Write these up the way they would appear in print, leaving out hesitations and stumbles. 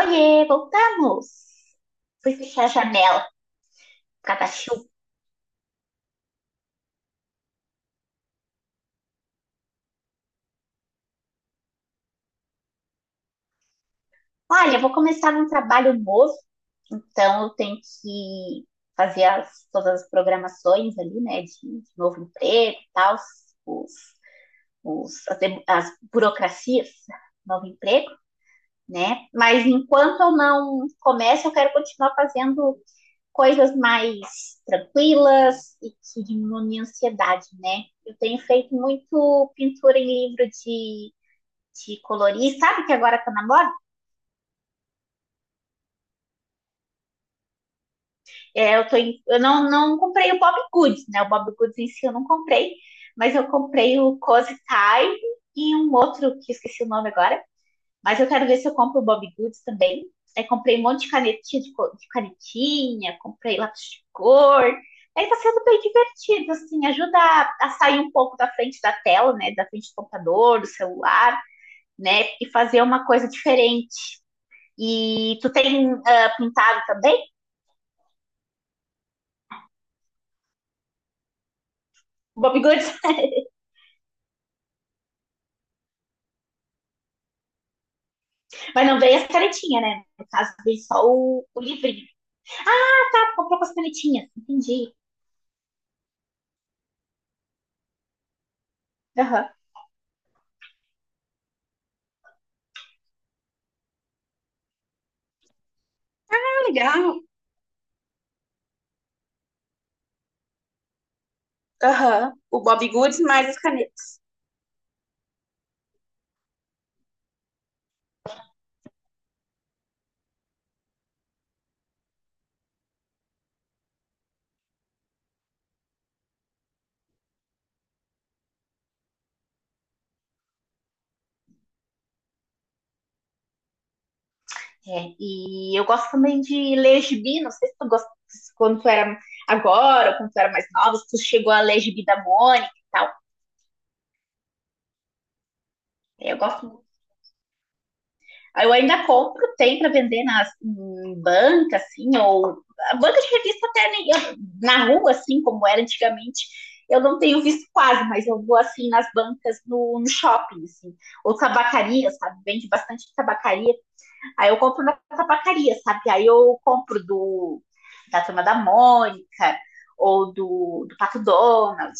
Oiê, voltamos! Fui fechar a janela por causa da chuva. Olha, eu vou começar um trabalho novo, então eu tenho que todas as programações ali, né, de novo emprego e tal, os, as burocracias, novo emprego, né? Mas enquanto eu não começo, eu quero continuar fazendo coisas mais tranquilas e que diminuem a ansiedade, né? Eu tenho feito muito pintura em livro de colorir, sabe que agora tá na moda? Eu não comprei o Bob Goods, né? O Bob Goods em si eu não comprei, mas eu comprei o Cozy Time e um outro que eu esqueci o nome agora. Mas eu quero ver se eu compro o Bob Goods também. Aí comprei um monte de canetinha, de canetinha, comprei lápis de cor. Aí tá sendo bem divertido, assim, ajuda a sair um pouco da frente da tela, né? Da frente do computador, do celular, né? E fazer uma coisa diferente. E tu tem pintado também? O Bob Goods, mas não veio as canetinhas, né? No caso, veio só o livrinho. Ah, tá, tu comprou com as canetinhas. Entendi. Aham. Ah, legal. Aham. O Bob Goods mais as canetas. É, e eu gosto também de ler gibi, não sei se tu gosta, se quando tu era agora, ou quando tu era mais nova, se tu chegou a ler gibi da Mônica e tal. É, eu gosto. Eu ainda compro, tem para vender nas, em banca, assim, ou a banca de revista até nem, na rua, assim, como era antigamente, eu não tenho visto quase, mas eu vou assim nas bancas no shopping, assim, ou tabacaria, sabe? Vende bastante tabacaria. Aí eu compro na tabacaria, sabe? Aí eu compro do da turma da Mônica ou do Pato Donald.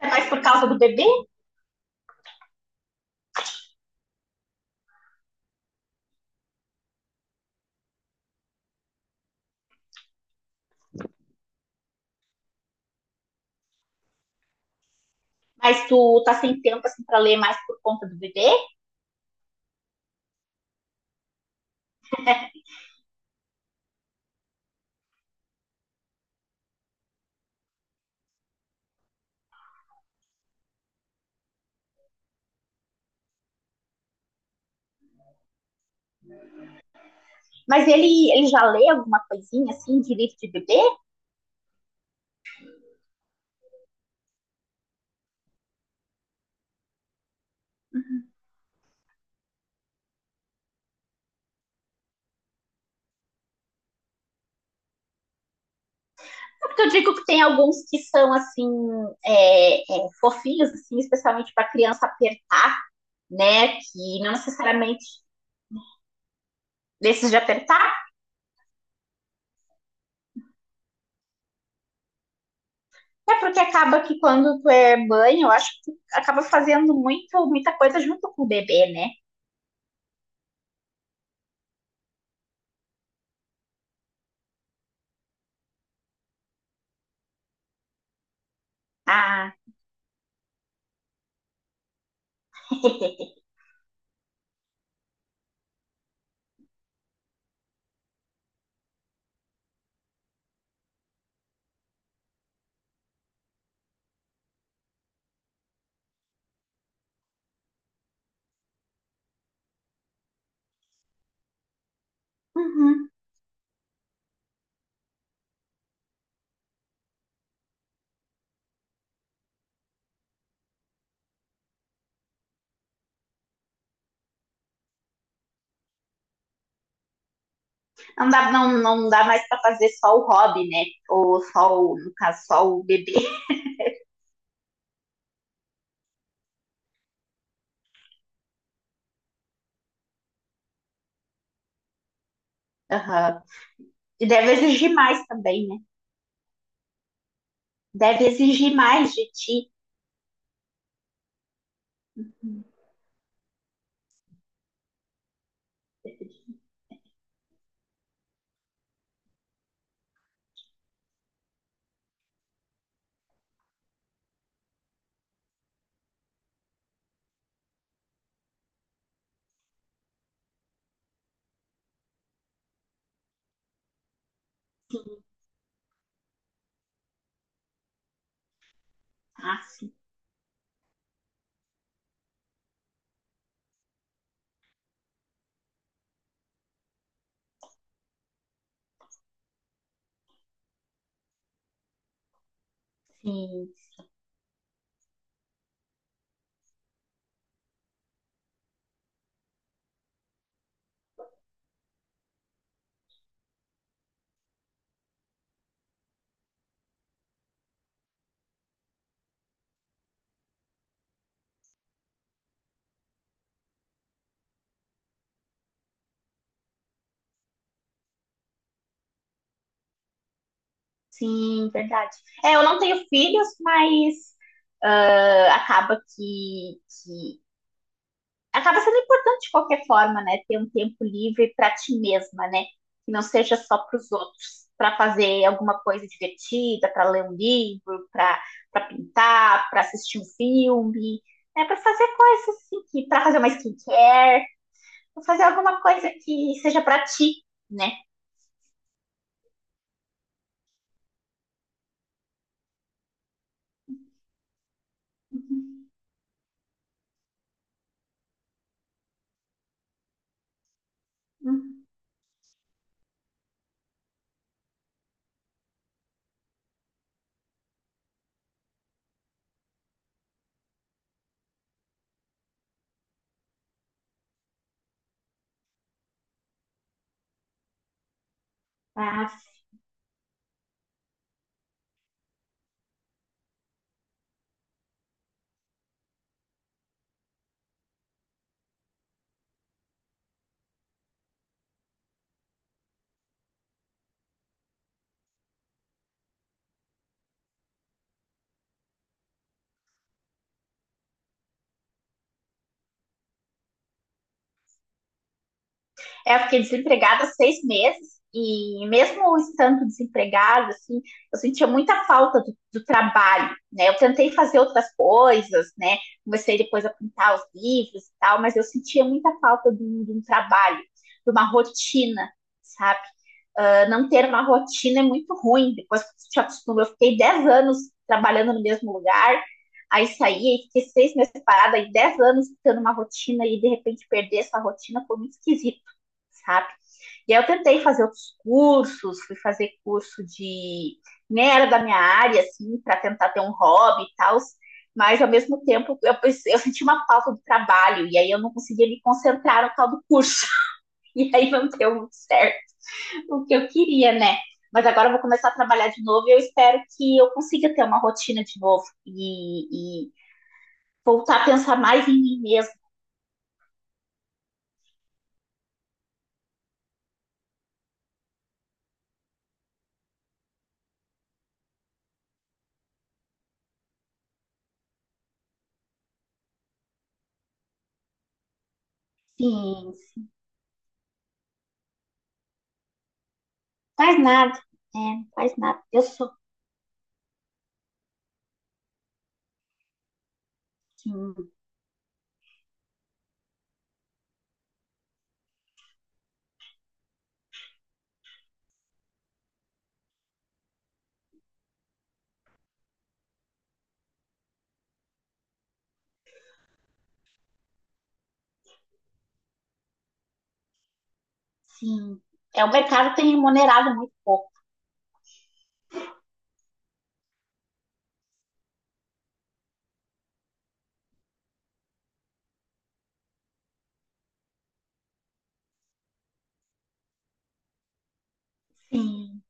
É mais por causa do bebê, mas tu tá sem tempo assim para ler mais por conta do bebê? Mas ele já lê alguma coisinha, assim, de livro de bebê? É porque eu digo que tem alguns que são, assim, fofinhos, assim, especialmente para criança apertar, né? Que não necessariamente desses de apertar. É porque acaba que quando tu é mãe, eu acho que tu acaba fazendo muito, muita coisa junto com o bebê, né? Ah, uhum. Não, dá, não dá mais para fazer só o hobby, né? Ou só, o, no caso, só o bebê. Uhum. E deve exigir mais também, né? Deve exigir mais de ti. Ah, sim, sim, sim, verdade. É, eu não tenho filhos, mas ah, acaba sendo importante de qualquer forma, né? Ter um tempo livre para ti mesma, né? Que não seja só para os outros, para fazer alguma coisa divertida, para ler um livro, para pintar, para assistir um filme, né? Para fazer coisas assim, que para fazer uma skincare, para fazer alguma coisa que seja para ti, né? Uhum. Uhum. Ah, é, eu fiquei desempregada 6 meses e mesmo estando desempregada, assim, eu sentia muita falta do trabalho, né? Eu tentei fazer outras coisas, né? Comecei depois a pintar os livros e tal, mas eu sentia muita falta de um trabalho, de uma rotina, sabe? Ah, não ter uma rotina é muito ruim, depois que você se acostuma. Eu fiquei 10 anos trabalhando no mesmo lugar, aí saí, aí fiquei 6 meses parada, aí 10 anos tendo uma rotina e de repente perder essa rotina foi muito esquisito, sabe? E aí eu tentei fazer outros cursos, fui fazer curso de. Nem era da minha área, assim, para tentar ter um hobby e tal, mas ao mesmo tempo eu senti uma falta do trabalho, e aí eu não conseguia me concentrar no tal do curso. E aí não deu muito certo o que eu queria, né? Mas agora eu vou começar a trabalhar de novo e eu espero que eu consiga ter uma rotina de novo e voltar a pensar mais em mim mesmo. Sim, sim. Faz nada, né? Faz nada. Eu sou sim. Sim. É, o mercado tem remunerado muito pouco. Sim.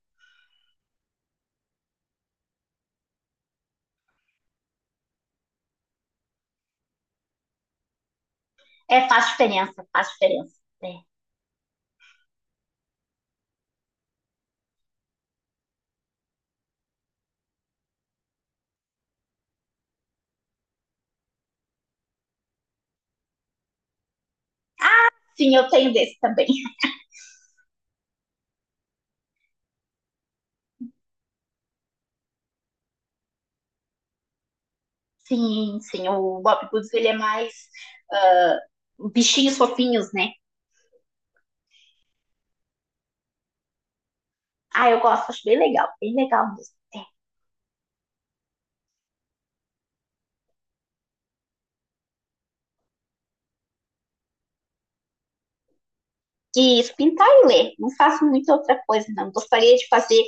É, faz diferença, faz diferença. É. Sim, eu tenho desse também. Sim, sim. O Bob Goods, ele é mais ah, bichinhos fofinhos, né? Ah, eu gosto, acho bem legal mesmo. É. E isso, pintar e ler. Não faço muita outra coisa, não. Gostaria de fazer.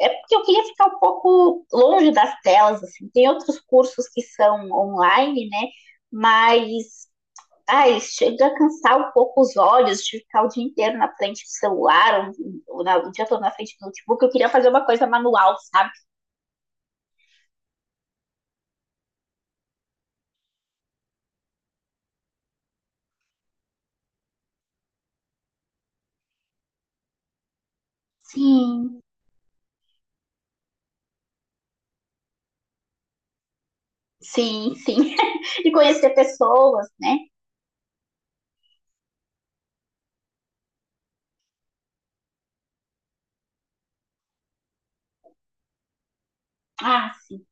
É porque eu queria ficar um pouco longe das telas, assim. Tem outros cursos que são online, né? Mas ai, chega a cansar um pouco os olhos de ficar o dia inteiro na frente do celular, o dia todo na frente do notebook. Eu queria fazer uma coisa manual, sabe? Sim, sim, sim. E conhecer pessoas, né? Ah, sim.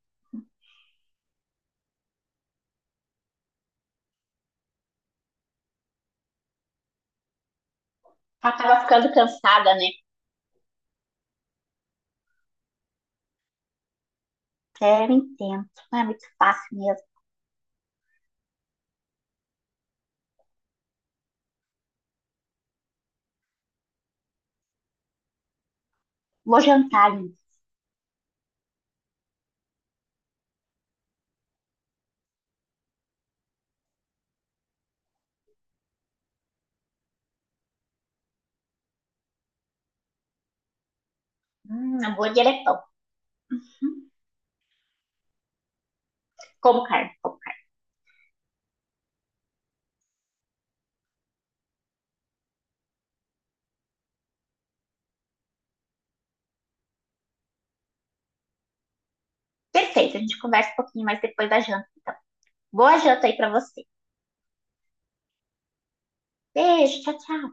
Eu tava ficando cansada, né? É, eu entendo. Não é muito fácil mesmo. Vou jantar, gente. Hambúrguer é pão. Hum, Como carne, como carne. Perfeito, a gente conversa um pouquinho mais depois da janta, então. Boa janta aí pra você. Beijo, tchau, tchau.